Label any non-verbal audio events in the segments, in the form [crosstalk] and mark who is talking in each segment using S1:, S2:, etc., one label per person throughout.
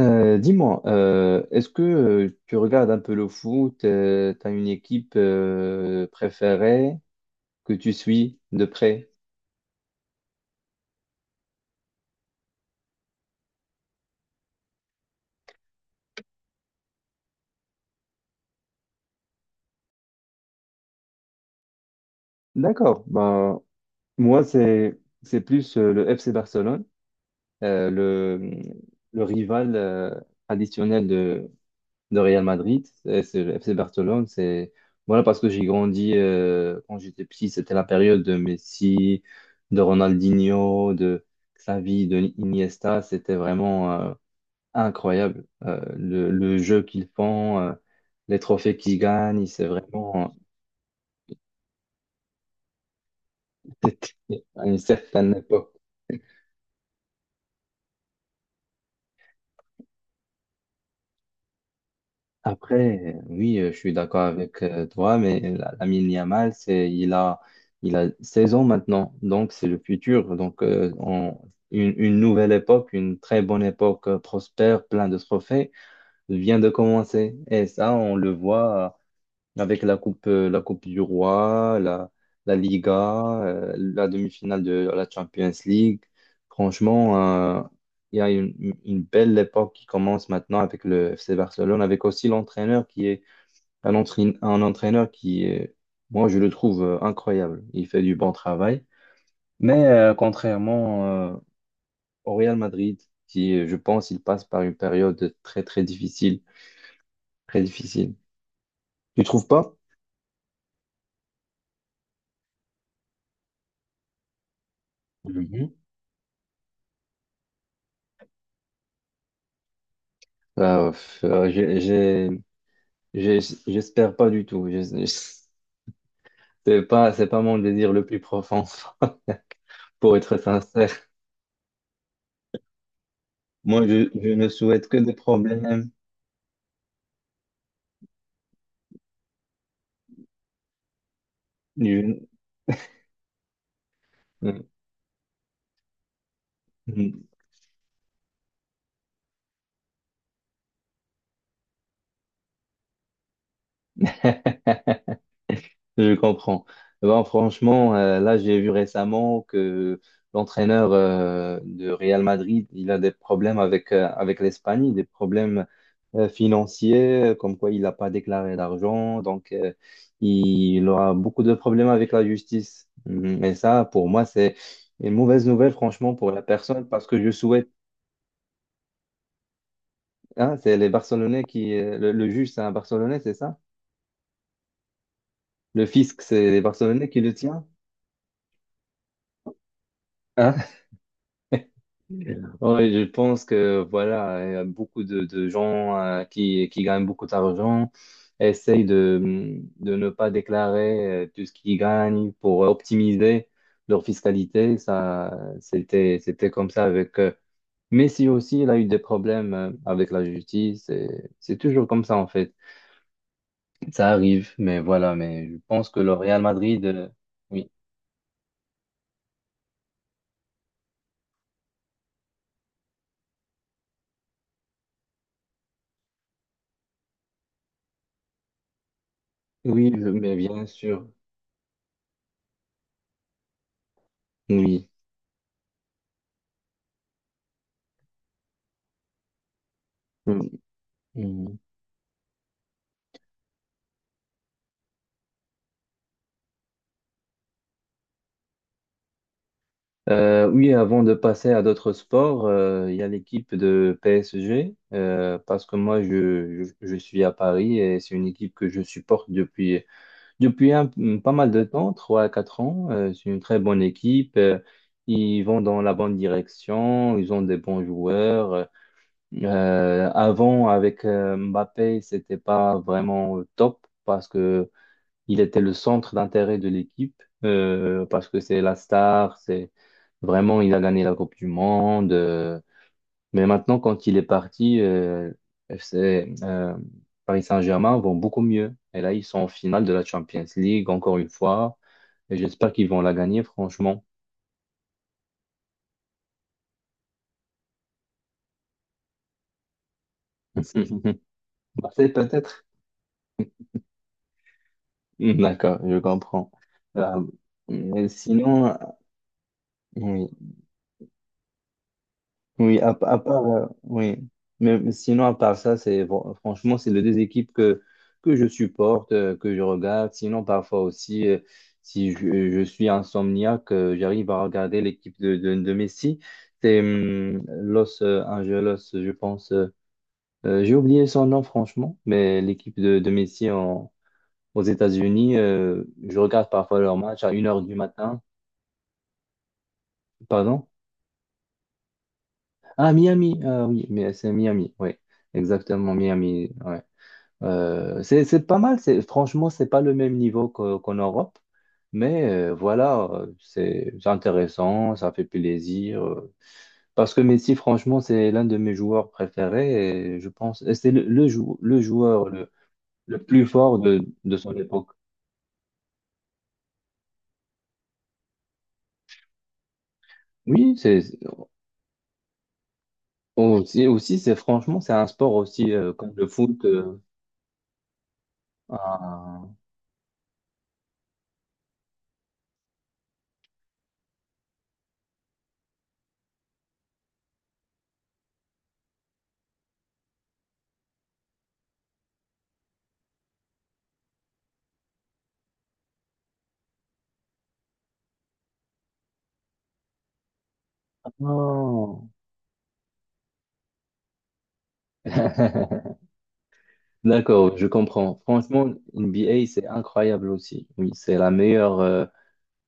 S1: Est-ce que tu regardes un peu le foot, t'as une équipe préférée que tu suis de près? D'accord. Ben, moi, c'est plus le FC Barcelone, euh, le, le rival traditionnel de Real Madrid. C'est le FC Barcelone. C'est voilà parce que j'ai grandi quand j'étais petit, c'était la période de Messi, de Ronaldinho, de Xavi, de Iniesta. C'était vraiment incroyable. Le jeu qu'ils font, les trophées qu'ils gagnent, c'est vraiment [laughs] c'était à une certaine époque. Après, oui, je suis d'accord avec toi, mais Lamine Yamal, il a 16 ans maintenant, donc c'est le futur. Donc, une nouvelle époque, une très bonne époque prospère, plein de trophées, vient de commencer. Et ça, on le voit avec la coupe du Roi, la Liga, la demi-finale de la Champions League. Franchement, euh, il y a une belle époque qui commence maintenant avec le FC Barcelone, avec aussi l'entraîneur qui est un entraîneur qui est, moi, je le trouve incroyable. Il fait du bon travail. Mais contrairement euh, au Real Madrid, qui, je pense, il passe par une période très, très difficile, très difficile. Tu trouves pas? Mhm. Pff, j'ai- J'espère pas du tout. C'est pas mon désir le plus profond, [laughs] pour être sincère. Moi, je ne souhaite que des problèmes. Je- euh, Je comprends. Eh ben, franchement, là, j'ai vu récemment que l'entraîneur de Real Madrid, il a des problèmes avec, avec l'Espagne, des problèmes financiers, comme quoi il n'a pas déclaré d'argent. Donc, il aura beaucoup de problèmes avec la justice. Mm. Et ça, pour moi, c'est une mauvaise nouvelle, franchement, pour la personne, parce que je souhaite… Hein, c'est les Barcelonais qui… le juge, c'est un Barcelonais, c'est ça? Le fisc, c'est les Barcelonais qui le tient? Hein? Ouais, je pense que voilà, il y a beaucoup de gens qui gagnent beaucoup d'argent essayent de ne pas déclarer tout ce qu'ils gagnent pour optimiser leur fiscalité. Ça, c'était comme ça avec Messi aussi, il a eu des problèmes avec la justice. Et c'est toujours comme ça en fait. Ça arrive, mais voilà, mais je pense que le Real Madrid, oui, mais bien sûr, oui. Mm. Oui, avant de passer à d'autres sports, il y a l'équipe de PSG, parce que moi, je suis à Paris et c'est une équipe que je supporte depuis pas mal de temps, 3 à 4 ans. C'est une très bonne équipe. Euh, ils vont dans la bonne direction, ils ont des bons joueurs. Avant, avec Mbappé, c'était pas vraiment top. Parce que il était le centre d'intérêt de l'équipe parce que c'est la star, c'est vraiment, il a gagné la Coupe du Monde. Euh, mais maintenant, quand il est parti, euh, FC, euh, Paris Saint-Germain vont beaucoup mieux. Et là, ils sont en finale de la Champions League, encore une fois. Et j'espère qu'ils vont la gagner, franchement. [laughs] Marseille, peut-être. D'accord, je comprends. Euh, mais sinon, oui. Oui, à part, oui. Mais sinon, à part ça, c'est franchement, c'est les deux équipes que je supporte, que je regarde. Sinon, parfois aussi, si je, je suis insomniaque, j'arrive à regarder l'équipe de Messi. C'est Los Angeles, je pense. J'ai oublié son nom, franchement, mais l'équipe de Messi aux États-Unis, je regarde parfois leur match à 1 heure du matin. Pardon? Ah, Miami. Ah oui, mais c'est Miami, oui. Exactement, Miami. Ouais. C'est pas mal, c'est, franchement, c'est pas le même niveau qu'en Europe, mais c'est intéressant, ça fait plaisir. Euh, parce que Messi, franchement, c'est l'un de mes joueurs préférés et je pense, et c'est le joueur le plus fort de son époque. Oui, c'est aussi, c'est franchement, c'est un sport aussi comme le foot. Euh, ah. Oh. [laughs] D'accord, je comprends. Franchement, NBA, c'est incroyable aussi. Oui, c'est la meilleure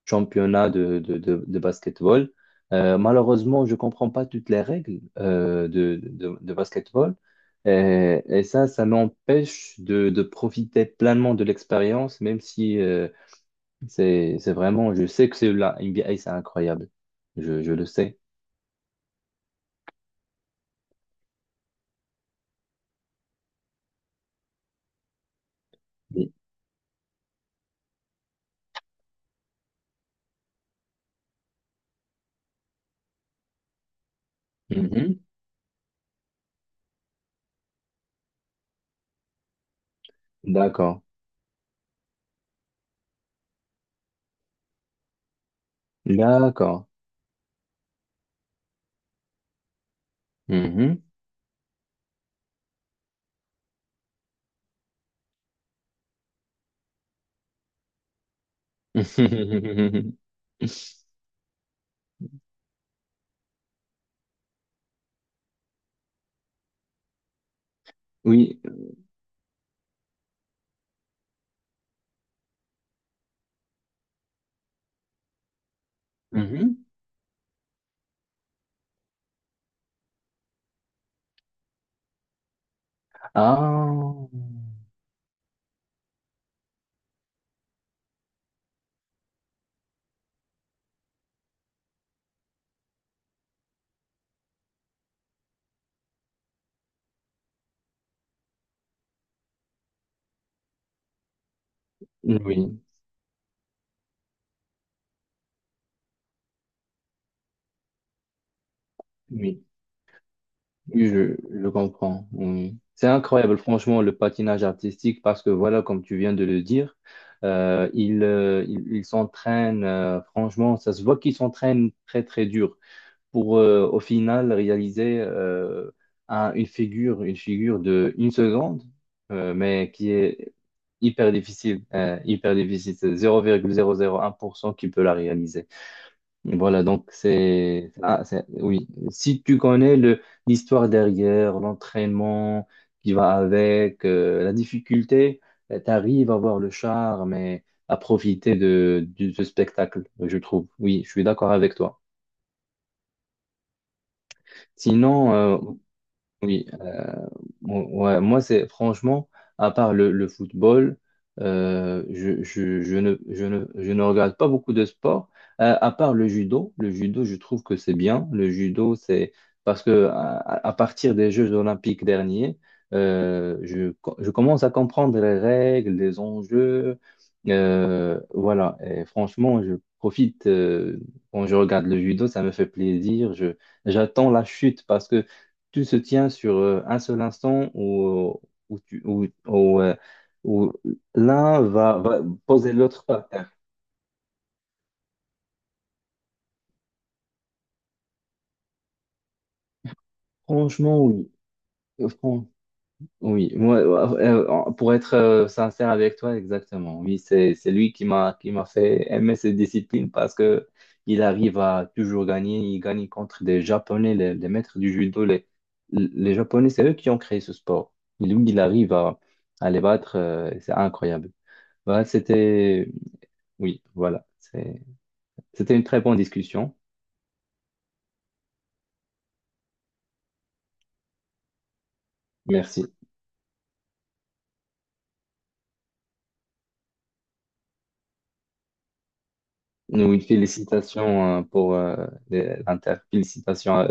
S1: championnat de basketball. Malheureusement, je comprends pas toutes les règles de basketball. Et ça, ça m'empêche de profiter pleinement de l'expérience, même si c'est vraiment, je sais que c'est la NBA, c'est incroyable. Je le sais. Oui. Mhm. D'accord. D'accord. Mhm. [laughs] Oui. Mhm. Ah, oui, oui. Oui, je comprends. Oui. C'est incroyable, franchement, le patinage artistique, parce que voilà, comme tu viens de le dire, ils s'entraînent, franchement, ça se voit qu'ils s'entraînent très, très dur pour au final réaliser une figure de une seconde, mais qui est hyper difficile, hyper difficile. C'est 0,001% qui peut la réaliser. Voilà, donc c'est ah, oui. Si tu connais le l'histoire derrière, l'entraînement qui va avec, la difficulté, tu arrives à voir le charme et à profiter de ce spectacle, je trouve. Oui, je suis d'accord avec toi. Sinon, euh, Oui, euh, ouais, moi c'est franchement, à part le football, je ne regarde pas beaucoup de sports, à part le judo. Le judo, je trouve que c'est bien. Le judo, c'est parce que à partir des Jeux olympiques derniers, je commence à comprendre les règles, les enjeux. Voilà, et franchement, je profite quand je regarde le judo, ça me fait plaisir. J'attends la chute parce que tout se tient sur un seul instant où, où, tu- où- où, où l'un va poser l'autre par terre. Franchement, oui. Euh, Fran- oui, moi, pour être sincère avec toi, exactement. Oui, c'est lui qui m'a fait aimer cette discipline parce que il arrive à toujours gagner. Il gagne contre des Japonais, les maîtres du judo. Les Japonais, c'est eux qui ont créé ce sport. Lui, il arrive à les battre. Euh, c'est incroyable. Voilà, c'était… Oui, voilà. C'était une très bonne discussion. Merci. Nous, une félicitation pour l'Inter. Félicitations